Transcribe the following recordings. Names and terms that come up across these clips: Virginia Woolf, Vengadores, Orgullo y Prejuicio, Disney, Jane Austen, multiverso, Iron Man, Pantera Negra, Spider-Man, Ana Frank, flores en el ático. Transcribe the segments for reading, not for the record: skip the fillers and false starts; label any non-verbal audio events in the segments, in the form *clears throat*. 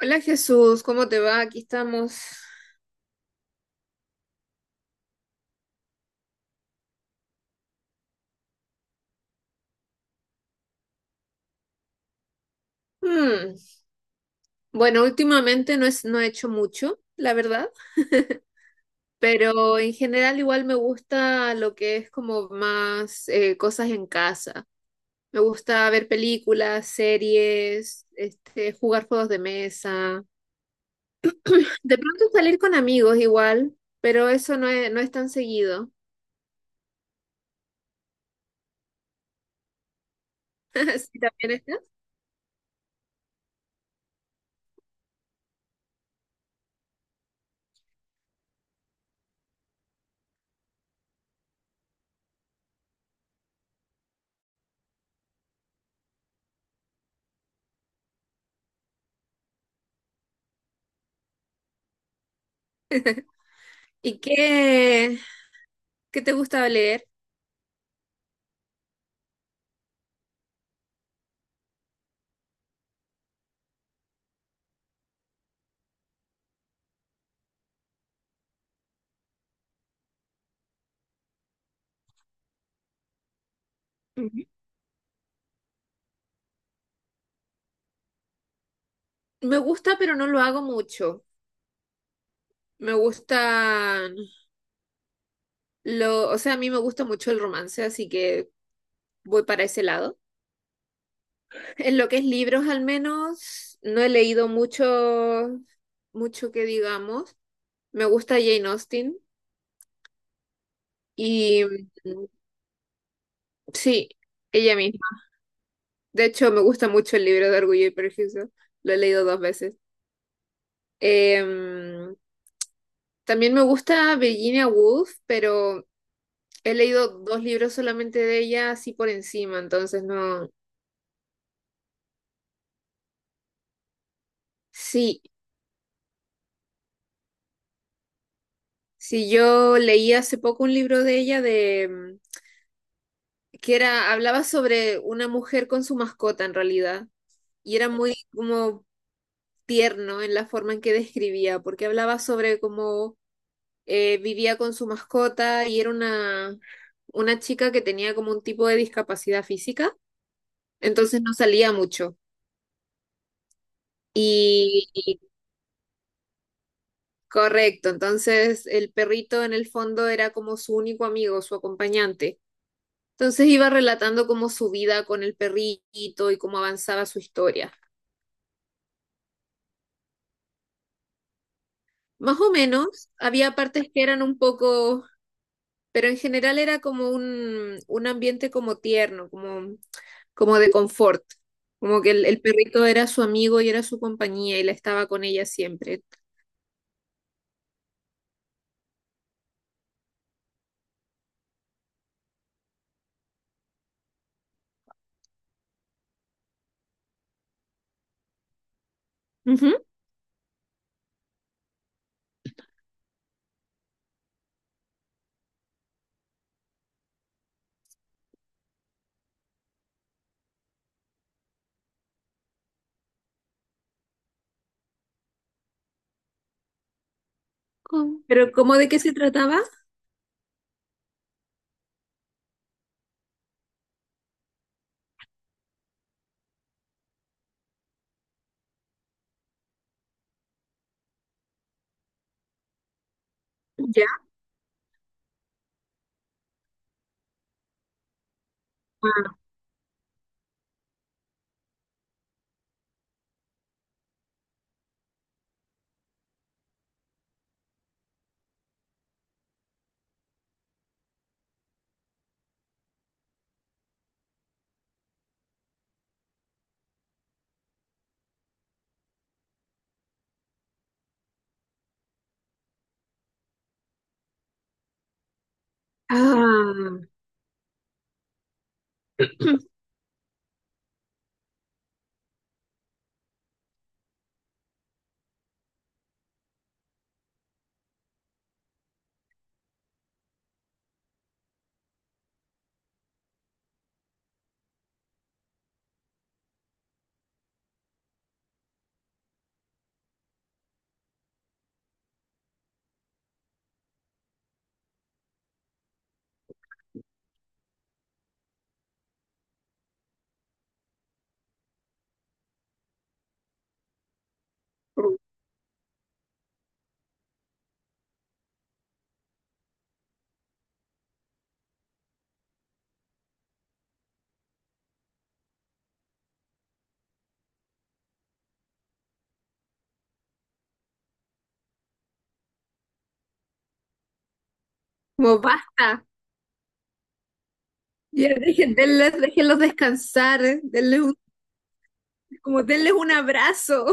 Hola Jesús, ¿cómo te va? Aquí estamos. Hmm, Bueno, últimamente no he hecho mucho, la verdad. *laughs* Pero en general igual me gusta lo que es como más cosas en casa. Me gusta ver películas, series, este, jugar juegos de mesa. De pronto salir con amigos igual, pero eso no es, no es tan seguido. *laughs* Sí, también está. ¿Y qué te gusta leer? Ujú. Me gusta, pero no lo hago mucho. Me gustan o sea, a mí me gusta mucho el romance, así que voy para ese lado. En lo que es libros, al menos, no he leído mucho, mucho que digamos. Me gusta Jane Austen y mm, sí, ella misma. De hecho, me gusta mucho el libro de Orgullo y Prejuicio. Lo he leído dos veces. Em, también me gusta Virginia Woolf, pero he leído dos libros solamente de ella, así por encima, entonces no. Sí, sí, yo leí hace poco un libro de ella de que era, hablaba sobre una mujer con su mascota en realidad, y era muy como tierno en la forma en que describía, porque hablaba sobre cómo vivía con su mascota y era una chica que tenía como un tipo de discapacidad física, entonces no salía mucho. Y correcto, entonces el perrito en el fondo era como su único amigo, su acompañante. Entonces iba relatando cómo su vida con el perrito y cómo avanzaba su historia. Más o menos, había partes que eran un poco, pero en general era como un ambiente como tierno, como, como de confort, como que el perrito era su amigo y era su compañía y la estaba con ella siempre. Ujú. Pero ¿cómo de qué se trataba? Ya. Ah. *clears throat* Como basta, ya dejen, déjenlos descansar, como denles un abrazo.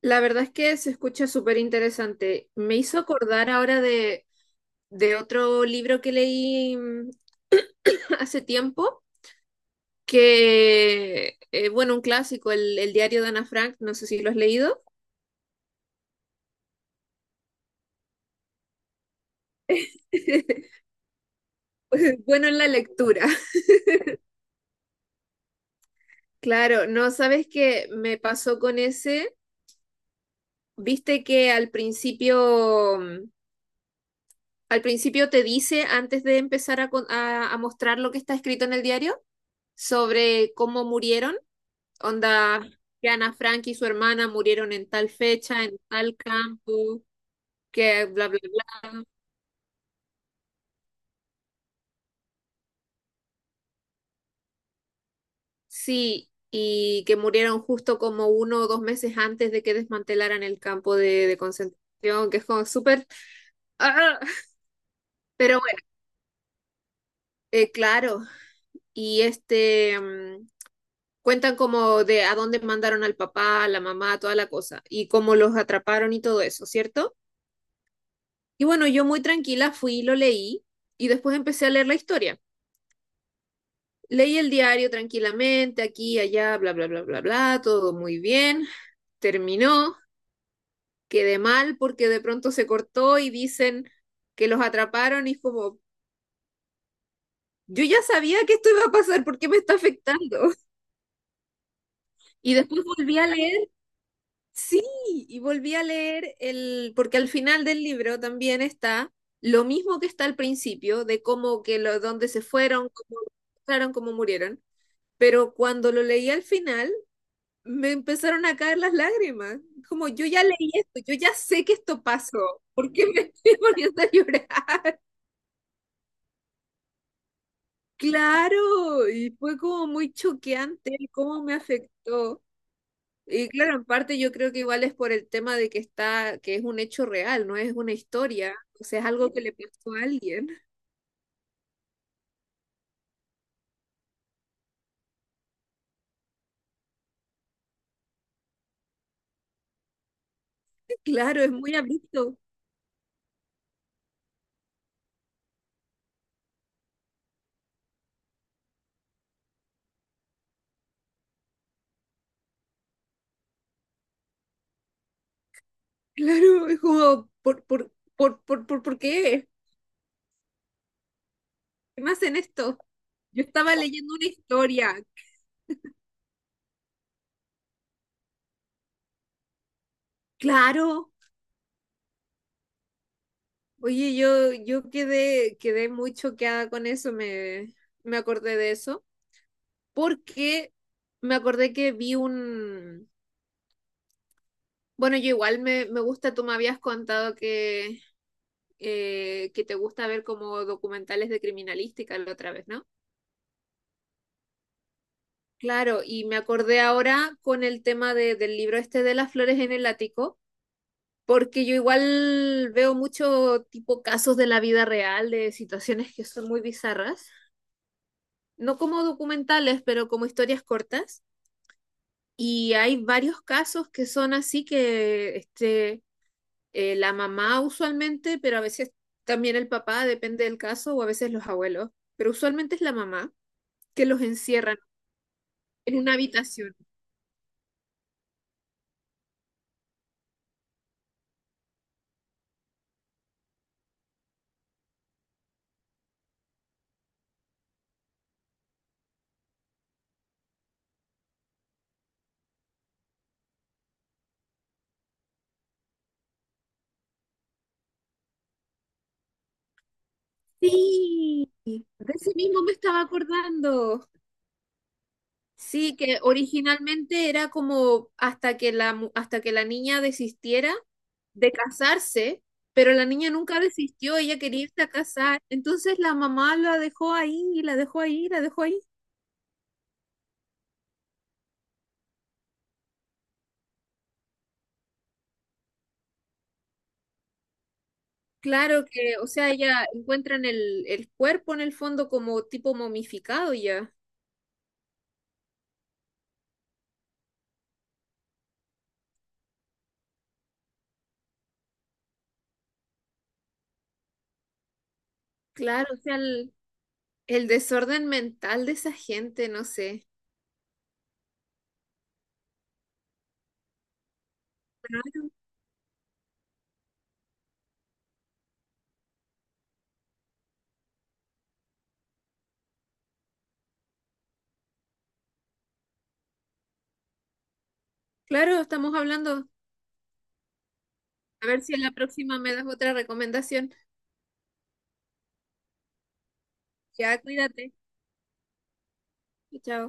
La verdad es que se escucha súper interesante. Me hizo acordar ahora de otro libro que leí *coughs* *clears throat* hace tiempo, que, bueno, un clásico, el diario de Ana Frank, no sé si lo has leído. *laughs* Bueno, en la lectura. *laughs* Claro, no sabes qué me pasó con ese. Viste que al principio, al principio te dice, antes de empezar a mostrar lo que está escrito en el diario, sobre cómo murieron. Onda, que Ana Frank y su hermana murieron en tal fecha, en tal campo, que bla, bla, bla. Sí, y que murieron justo como uno o dos meses antes de que desmantelaran el campo de concentración, que es como súper... ¡Ah! Pero bueno, claro. Y este... cuentan como de a dónde mandaron al papá, a la mamá, toda la cosa, y cómo los atraparon y todo eso, ¿cierto? Y bueno, yo muy tranquila fui y lo leí, y después empecé a leer la historia. Leí el diario tranquilamente, aquí, allá, bla, bla, bla, bla, bla, todo muy bien. Terminó, quedé mal porque de pronto se cortó y dicen que los atraparon y es como, yo ya sabía que esto iba a pasar, ¿por qué me está afectando? Y después volví a leer, sí, y volví a leer porque al final del libro también está lo mismo que está al principio, de cómo que lo, dónde se fueron, cómo, cómo murieron, pero cuando lo leí al final me empezaron a caer las lágrimas. Como yo ya leí esto, yo ya sé que esto pasó. ¿Por qué me *laughs* estoy poniendo a llorar? Claro, y fue como muy choqueante el cómo me afectó. Y claro, en parte yo creo que igual es por el tema de que está, que es un hecho real, no es una historia, o sea, es algo que le pasó a alguien. *laughs* Claro, es muy abrupto. Claro, es como, por qué? ¿Qué me hacen esto? Yo estaba leyendo una historia. Claro. Oye, yo quedé muy choqueada con eso, me acordé de eso, porque me acordé que vi un... Bueno, yo igual me gusta, tú me habías contado que te gusta ver como documentales de criminalística la otra vez, ¿no? Claro, y me acordé ahora con el tema del libro este de las flores en el ático, porque yo igual veo mucho tipo casos de la vida real, de situaciones que son muy bizarras, no como documentales, pero como historias cortas. Y hay varios casos que son así que este, la mamá usualmente, pero a veces también el papá, depende del caso, o a veces los abuelos, pero usualmente es la mamá que los encierran en una habitación. Sí, de ese mismo me estaba acordando. Sí, que originalmente era como hasta que hasta que la niña desistiera de casarse, pero la niña nunca desistió, ella quería irse a casar. Entonces la mamá la dejó ahí, y la dejó ahí, y la dejó ahí. Claro que, o sea, ella encuentran el cuerpo en el fondo como tipo momificado ya. Claro, o sea, el desorden mental de esa gente, no sé. Pero, claro, estamos hablando. A ver si en la próxima me das otra recomendación. Ya, cuídate. Chao.